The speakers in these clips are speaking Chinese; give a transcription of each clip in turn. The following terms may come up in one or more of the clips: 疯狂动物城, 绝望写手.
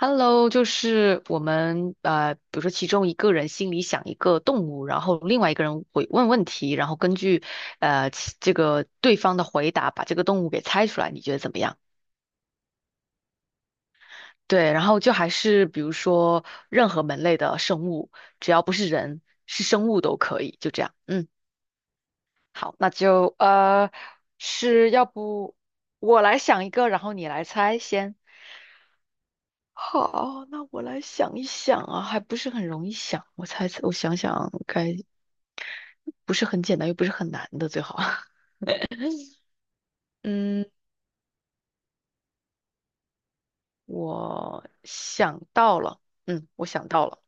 Hello，就是我们比如说其中一个人心里想一个动物，然后另外一个人会问问题，然后根据这个对方的回答把这个动物给猜出来，你觉得怎么样？对，然后就还是比如说任何门类的生物，只要不是人，是生物都可以，就这样。嗯，好，那就是要不我来想一个，然后你来猜先。好，那我来想一想啊，还不是很容易想。我猜，我想想该不是很简单，又不是很难的，最好。嗯，我想到了，嗯，我想到了，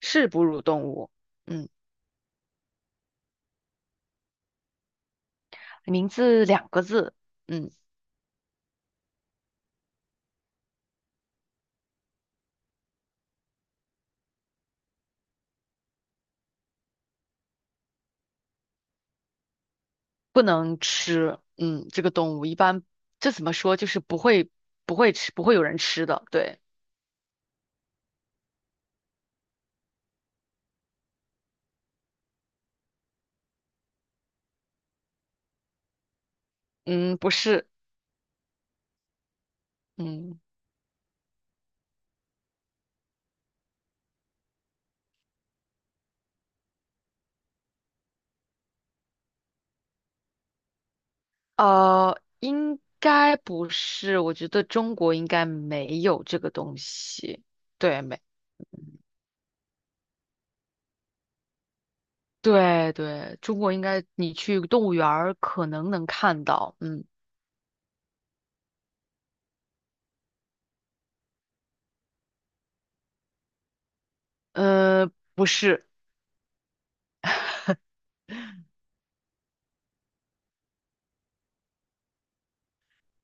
是哺乳动物，嗯，名字两个字，嗯，不能吃，嗯，这个动物一般这怎么说，就是不会吃，不会有人吃的，对，嗯，不是，嗯。呃，应该不是，我觉得中国应该没有这个东西。对，没，对对，中国应该你去动物园儿可能能看到。嗯，呃，不是，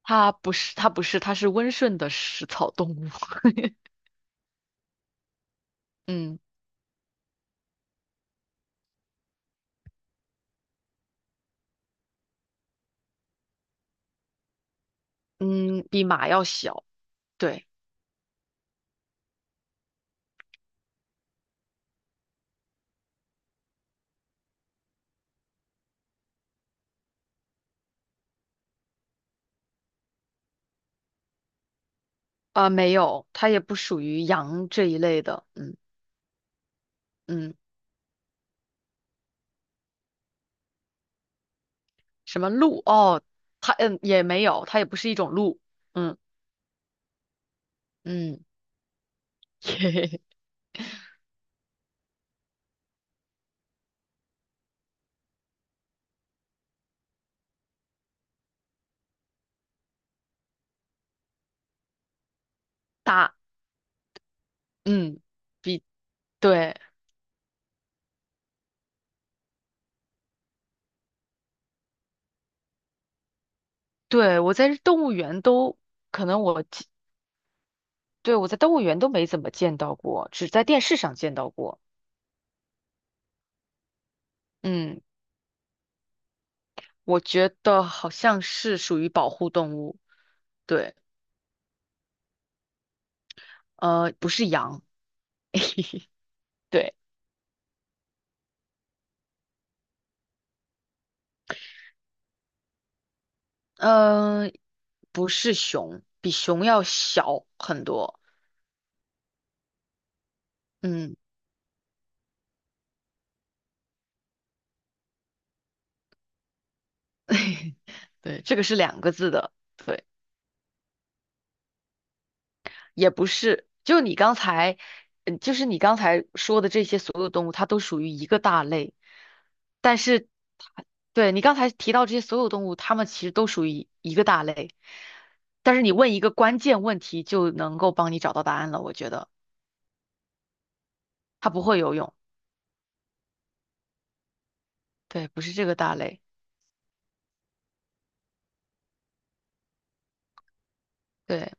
它不是，它是温顺的食草动物。嗯嗯，比马要小。对，啊、没有，它也不属于羊这一类的。嗯嗯，什么鹿？哦，它嗯也没有，它也不是一种鹿。嗯嗯。大，嗯，比，对，对，我在动物园都，可能我记对，我在动物园都没怎么见到过，只在电视上见到过。嗯，我觉得好像是属于保护动物，对，呃，不是羊，对，嗯、不是熊，比熊要小很多，嗯，对，这个是两个字的，对，也不是，就你刚才，嗯，就是你刚才说的这些所有动物，它都属于一个大类，但是它对，你刚才提到这些所有动物，它们其实都属于一个大类，但是你问一个关键问题就能够帮你找到答案了，我觉得它不会游泳，对，不是这个大类，对，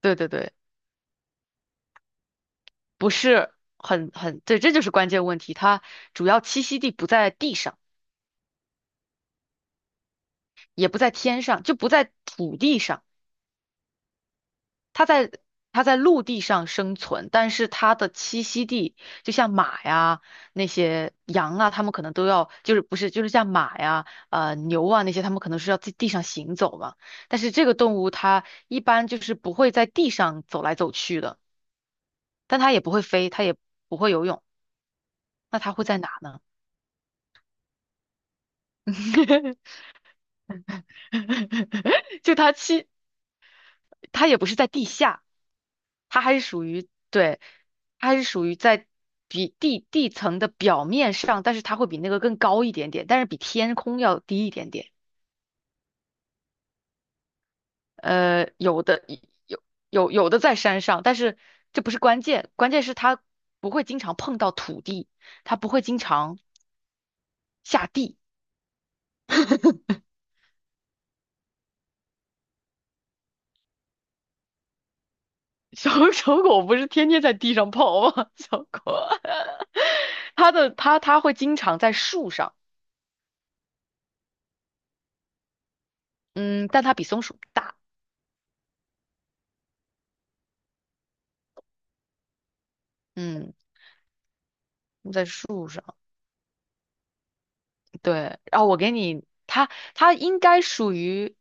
对对对，不是很，对，这就是关键问题，它主要栖息地不在地上，也不在天上，就不在土地上。它在它在陆地上生存，但是它的栖息地就像马呀、那些羊啊，它们可能都要就是不是就是像马呀、牛啊那些，它们可能是要在地上行走嘛。但是这个动物它一般就是不会在地上走来走去的，但它也不会飞，它也不会游泳，那它会在哪呢？就它栖，它也不是在地下。它还是属于对，它还是属于在比地地层的表面上，但是它会比那个更高一点点，但是比天空要低一点点。呃，有有有的在山上，但是这不是关键，关键是它不会经常碰到土地，它不会经常下地。小 小狗不是天天在地上跑吗？小狗，它的它它会经常在树上，嗯，但它比松鼠大，嗯，在树上。对，然后我给你，它应该属于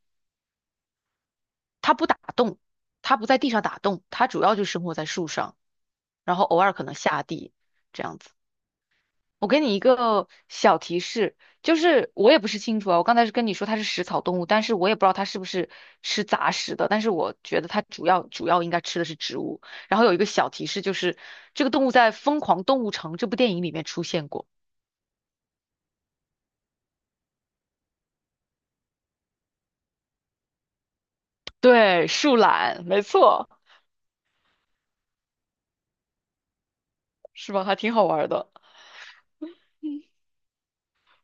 它不打洞，它不在地上打洞，它主要就生活在树上，然后偶尔可能下地这样子。我给你一个小提示，就是我也不是清楚啊，我刚才是跟你说它是食草动物，但是我也不知道它是不是吃杂食的，但是我觉得它主要应该吃的是植物。然后有一个小提示，就是这个动物在《疯狂动物城》这部电影里面出现过，对，树懒，没错，是吧？还挺好玩的。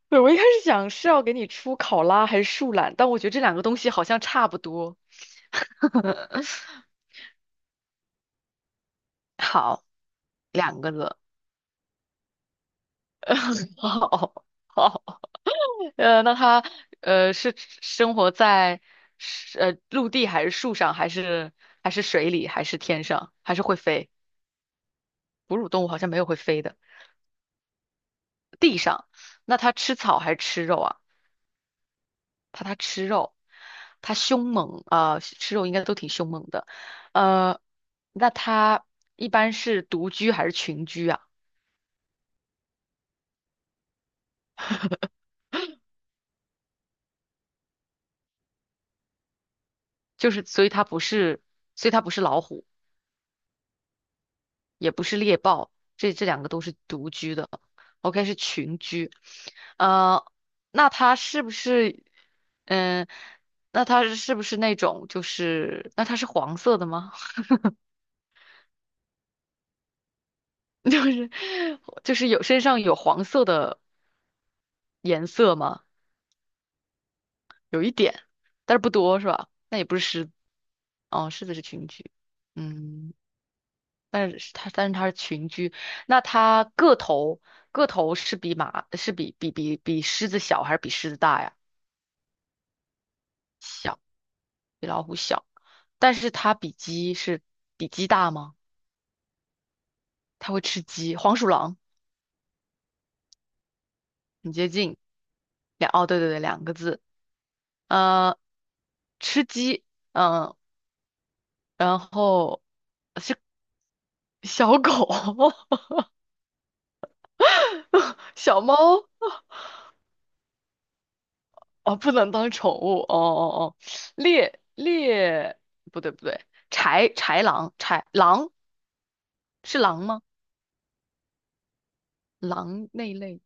对，我一开始想是要给你出考拉还是树懒，但我觉得这两个东西好像差不多。好，两个字。好，好，那它是生活在陆地还是树上，还是还是水里，还是天上，还是会飞？哺乳动物好像没有会飞的。地上，那它吃草还是吃肉啊？怕它吃肉，它凶猛啊、吃肉应该都挺凶猛的。呃，那它一般是独居还是群居啊？就是所以它不是，所以它不是老虎，也不是猎豹，这两个都是独居的。OK，是群居。呃，那它是不是，嗯、那它是不是那种就是，那它是黄色的吗？就是就是有身上有黄色的颜色吗？但是不多是吧？那也不是狮子，哦，狮子是群居，嗯，但是它是群居，那它个头是比马是比狮子小还是比狮子大呀？小，比老虎小，但是它比鸡是比鸡大吗？它会吃鸡，黄鼠狼很接近，两哦对对对两个字，呃，吃鸡，嗯，然后是小狗，小猫。哦，不能当宠物，哦哦哦，猎猎，不对不对，豺豺狼，豺狼是狼吗？狼那一类。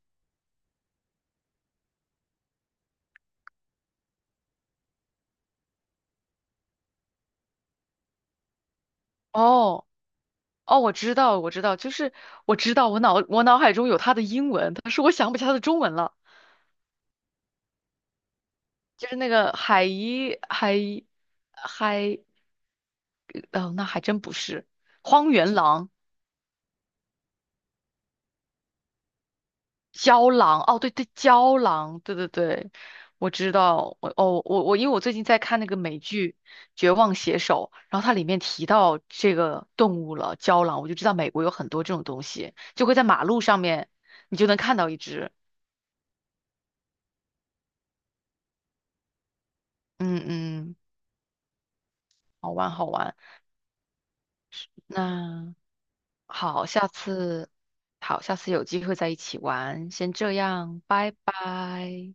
哦哦，我知道我知道，就是我知道我脑海中有它的英文，但是我想不起它的中文了，就是那个海一海一海，哦，那还真不是荒原狼。胶囊，哦，对对，胶囊，对对对，我知道，我哦，我因为我最近在看那个美剧《绝望写手》，然后它里面提到这个动物了，胶囊，我就知道美国有很多这种东西，就会在马路上面，你就能看到一只，嗯嗯，好玩好玩，那好，下次有机会再一起玩，先这样，拜拜。